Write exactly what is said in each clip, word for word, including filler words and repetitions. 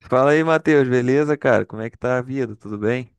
Fala aí, Matheus, beleza, cara? Como é que tá a vida? Tudo bem?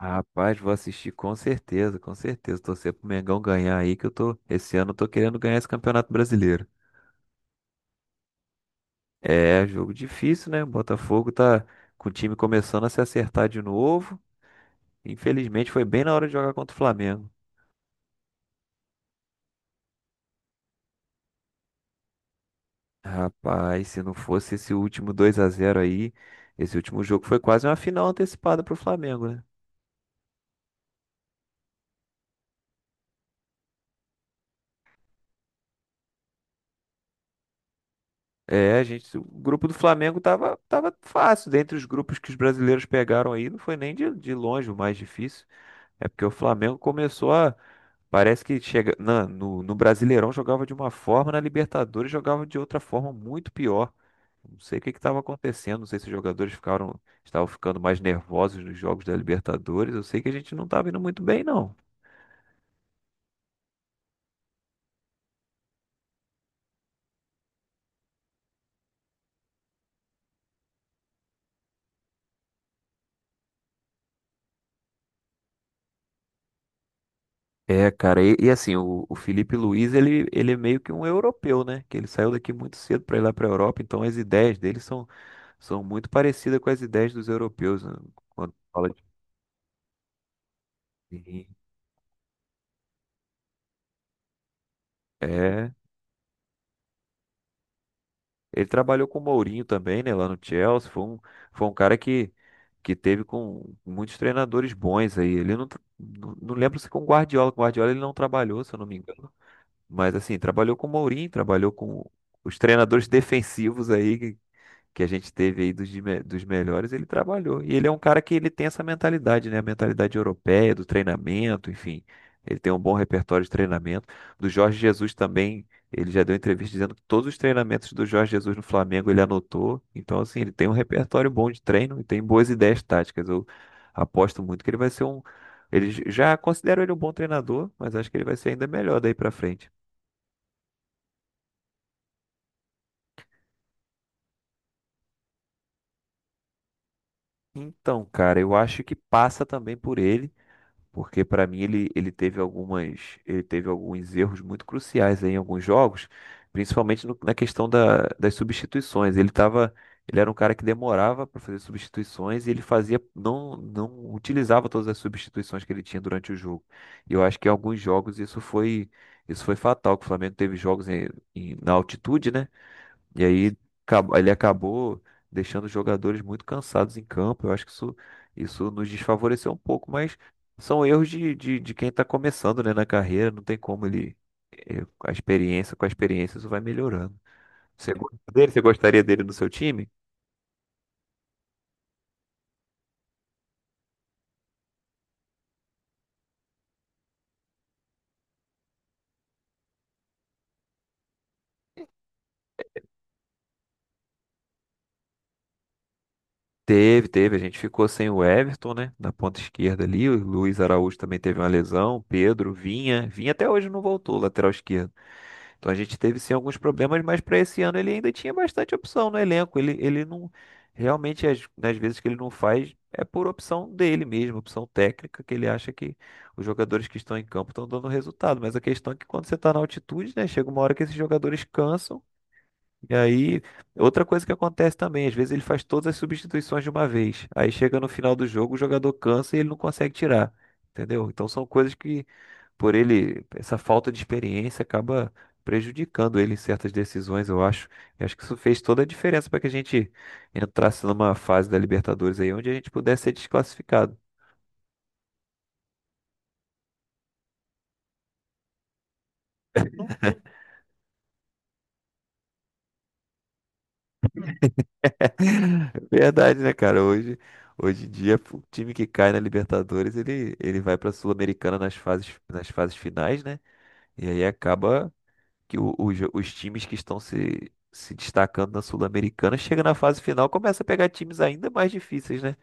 Rapaz, vou assistir com certeza, com certeza. Torcer pro Mengão ganhar aí, que eu tô. Esse ano eu tô querendo ganhar esse Campeonato Brasileiro. É, jogo difícil, né? O Botafogo tá com o time começando a se acertar de novo. Infelizmente, foi bem na hora de jogar contra o Flamengo. Rapaz, se não fosse esse último dois a zero aí, esse último jogo foi quase uma final antecipada pro Flamengo, né? É, a gente, o grupo do Flamengo tava, tava fácil. Dentre os grupos que os brasileiros pegaram aí, não foi nem de, de longe o mais difícil. É porque o Flamengo começou a. Parece que chega, na- no, no Brasileirão jogava de uma forma, na Libertadores jogava de outra forma muito pior. Não sei o que estava acontecendo, não sei se os jogadores ficaram, estavam ficando mais nervosos nos jogos da Libertadores. Eu sei que a gente não estava indo muito bem, não. É, cara, e, e assim, o, o Felipe Luiz, ele, ele é meio que um europeu, né? Que ele saiu daqui muito cedo para ir lá para a Europa, então as ideias dele são, são muito parecidas com as ideias dos europeus, né? Quando fala de... Sim. É, ele trabalhou com o Mourinho também, né? Lá no Chelsea, foi um, foi um cara que, que teve com muitos treinadores bons aí. Ele não, tra- não, não lembro se com o Guardiola, com o Guardiola ele não trabalhou, se eu não me engano. Mas assim, trabalhou com o Mourinho, trabalhou com os treinadores defensivos aí, que a gente teve aí dos, de me- dos melhores, ele trabalhou. E ele é um cara que ele tem essa mentalidade, né? A mentalidade europeia, do treinamento, enfim. Ele tem um bom repertório de treinamento. Do Jorge Jesus também, ele já deu entrevista dizendo que todos os treinamentos do Jorge Jesus no Flamengo ele anotou. Então, assim, ele tem um repertório bom de treino e tem boas ideias táticas. Eu aposto muito que ele vai ser um. Eles já consideram ele um bom treinador, mas acho que ele vai ser ainda melhor daí pra frente. Então, cara, eu acho que passa também por ele. Porque para mim ele, ele teve algumas, ele teve alguns erros muito cruciais aí em alguns jogos, principalmente no- na questão da- das substituições. Ele tava, ele era um cara que demorava para fazer substituições e ele fazia não não utilizava todas as substituições que ele tinha durante o jogo. E eu acho que em alguns jogos isso foi isso foi fatal, que o Flamengo teve jogos em, em- na altitude, né? E aí acab- ele acabou deixando os jogadores muito cansados em campo. Eu acho que isso, isso nos desfavoreceu um pouco, mas são erros de, de, de quem está começando, né, na carreira. Não tem como ele. eh, A experiência, com a experiência, isso vai melhorando. Você gosta dele? Você gostaria dele no seu time? Teve, teve. A gente ficou sem o Everton, né? Na ponta esquerda ali. O Luiz Araújo também teve uma lesão. Pedro, Vinha. Vinha até hoje não voltou, lateral esquerdo. Então a gente teve sim alguns problemas, mas para esse ano ele ainda tinha bastante opção no elenco. Ele, ele não. Realmente, às, nas vezes que ele não faz, é por opção dele mesmo, opção técnica, que ele acha que os jogadores que estão em campo estão dando resultado. Mas a questão é que quando você está na altitude, né? Chega uma hora que esses jogadores cansam. E aí, outra coisa que acontece também, às vezes ele faz todas as substituições de uma vez. Aí chega no final do jogo, o jogador cansa e ele não consegue tirar. Entendeu? Então são coisas que, por ele, essa falta de experiência acaba prejudicando ele em certas decisões, eu acho. E acho que isso fez toda a diferença para que a gente entrasse numa fase da Libertadores aí onde a gente pudesse ser desclassificado. Verdade, né, cara? Hoje, hoje em dia, o time que cai na Libertadores, ele, ele vai para a Sul-Americana nas fases, nas fases finais, né? E aí acaba que o- os os times que estão se, se destacando na Sul-Americana chega na fase final, começa a pegar times ainda mais difíceis, né?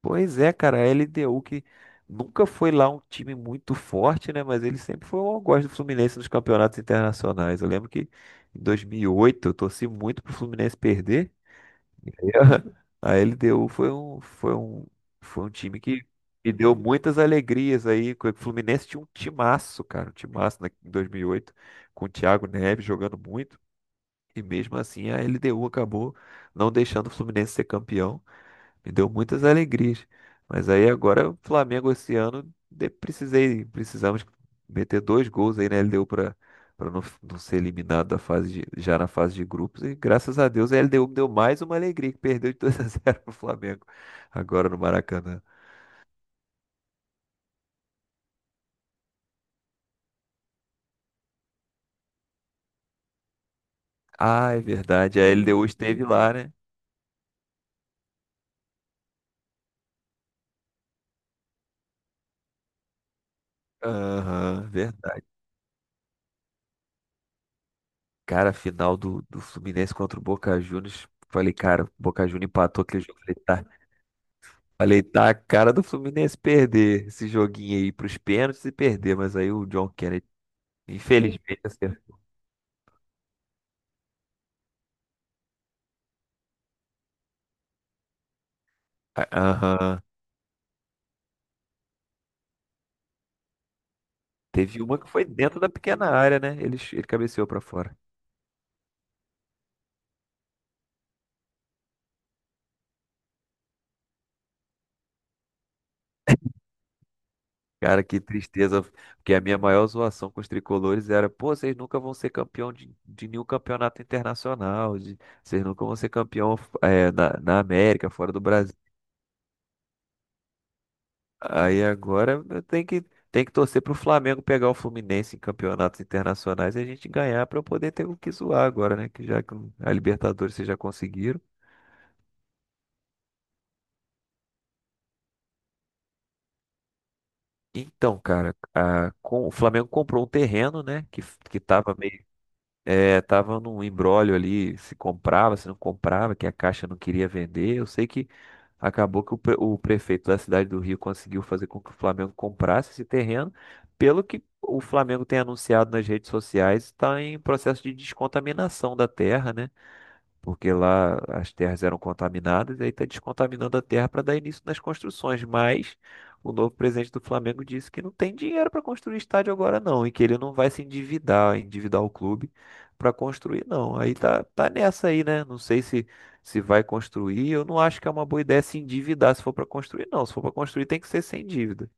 Pois é, cara, a L D U que nunca foi lá um time muito forte, né? Mas ele sempre foi um algoz do Fluminense nos campeonatos internacionais. Eu lembro que em dois mil e oito eu torci muito pro Fluminense perder. E a L D U foi um, foi um, foi um time que me deu muitas alegrias aí. O Fluminense tinha um timaço, cara, um timaço na- em dois mil e oito, com o Thiago Neves jogando muito. E mesmo assim a L D U acabou não deixando o Fluminense ser campeão. Me deu muitas alegrias. Mas aí agora o Flamengo esse ano de- precisei, precisamos meter dois gols aí na L D U para para não, f- não ser eliminado da fase de- já na fase de grupos. E graças a Deus a L D U me deu mais uma alegria que perdeu de dois a zero pro Flamengo agora no Maracanã. Ah, é verdade, a L D U esteve lá, né? Aham, verdade. Cara, a final do, do Fluminense contra o Boca Juniors. Falei, cara, o Boca Juniors empatou aquele jogo. Falei, tá. Falei, tá a cara do Fluminense perder esse joguinho aí pros pênaltis e perder, mas aí o John Kennedy, infelizmente, acertou. Ah, aham. Teve uma que foi dentro da pequena área, né? Ele, ch- ele cabeceou pra fora. Cara, que tristeza, porque a minha maior zoação com os tricolores era, pô, vocês nunca vão ser campeão de, de nenhum campeonato internacional, de- vocês nunca vão ser campeão eh, na, na América, fora do Brasil. Aí agora eu tenho que, tem que torcer pro Flamengo pegar o Fluminense em campeonatos internacionais e a gente ganhar pra eu poder ter o que zoar agora, né? Que já que a Libertadores vocês já conseguiram. Então, cara, a- com- o Flamengo comprou um terreno, né? Que, f- que tava. É, tava num imbróglio ali, se comprava, se não comprava, que a Caixa não queria vender. Eu sei que acabou que o, pre- o prefeito da cidade do Rio conseguiu fazer com que o Flamengo comprasse esse terreno. Pelo que o Flamengo tem anunciado nas redes sociais, está em processo de descontaminação da terra, né? Porque lá as terras eram contaminadas, e aí está descontaminando a terra para dar início nas construções. Mas o novo presidente do Flamengo disse que não tem dinheiro para construir estádio agora, não, e que ele não vai se endividar, endividar o clube para construir, não. Aí tá, tá nessa aí, né? Não sei se, se vai construir. Eu não acho que é uma boa ideia se endividar se for para construir, não. Se for para construir, tem que ser sem dívida.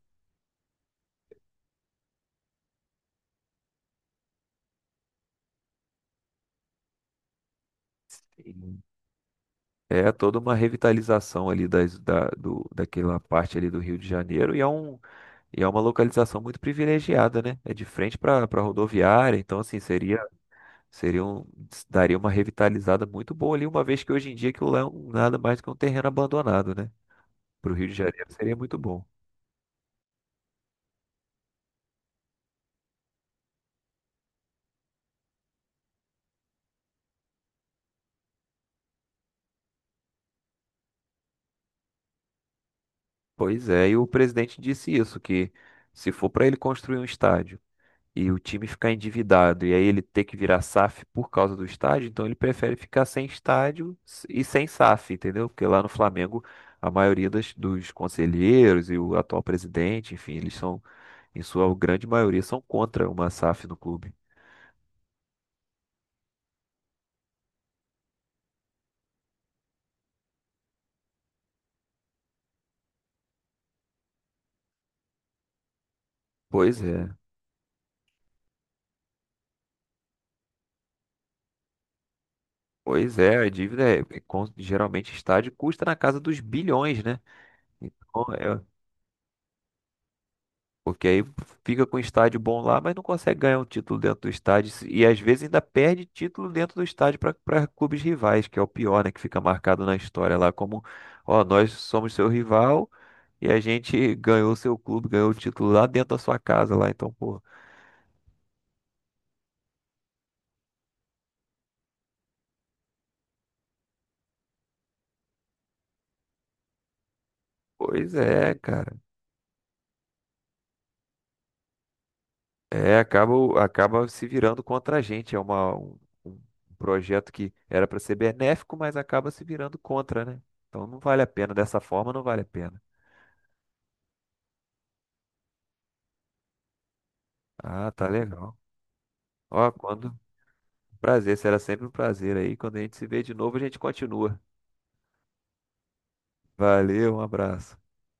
É toda uma revitalização ali das, da, do, daquela parte ali do Rio de Janeiro e é um, e é uma localização muito privilegiada, né? É de frente para para rodoviária, então assim seria seria um, daria uma revitalizada muito boa ali, uma vez que hoje em dia aquilo lá é um- nada mais do que um terreno abandonado, né? Para o Rio de Janeiro seria muito bom. Pois é, e o presidente disse isso, que se for para ele construir um estádio e o time ficar endividado e aí ele ter que virar SAF por causa do estádio, então ele prefere ficar sem estádio e sem SAF, entendeu? Porque lá no Flamengo a maioria das, dos conselheiros e o atual presidente, enfim, eles são, em sua grande maioria, são contra uma SAF no clube. Pois é. Pois é, a dívida é, é con- geralmente estádio custa na casa dos bilhões, né? Então, é, Porque aí fica com o estádio bom lá, mas não consegue ganhar um título dentro do estádio. E às vezes ainda perde título dentro do estádio para clubes rivais, que é o pior, né? Que fica marcado na história lá como, ó, nós somos seu rival e a gente ganhou seu clube, ganhou o título lá dentro da sua casa lá. Então, pô, pois é, cara. É, acaba, o- acaba se virando contra a gente. É uma, um, um projeto que era para ser benéfico, mas acaba se virando contra, né? Então não vale a pena. Dessa forma, não vale a pena. Ah, tá legal. Ó, quando. Prazer, será sempre um prazer aí. Quando a gente se vê de novo, a gente continua. Valeu, um abraço.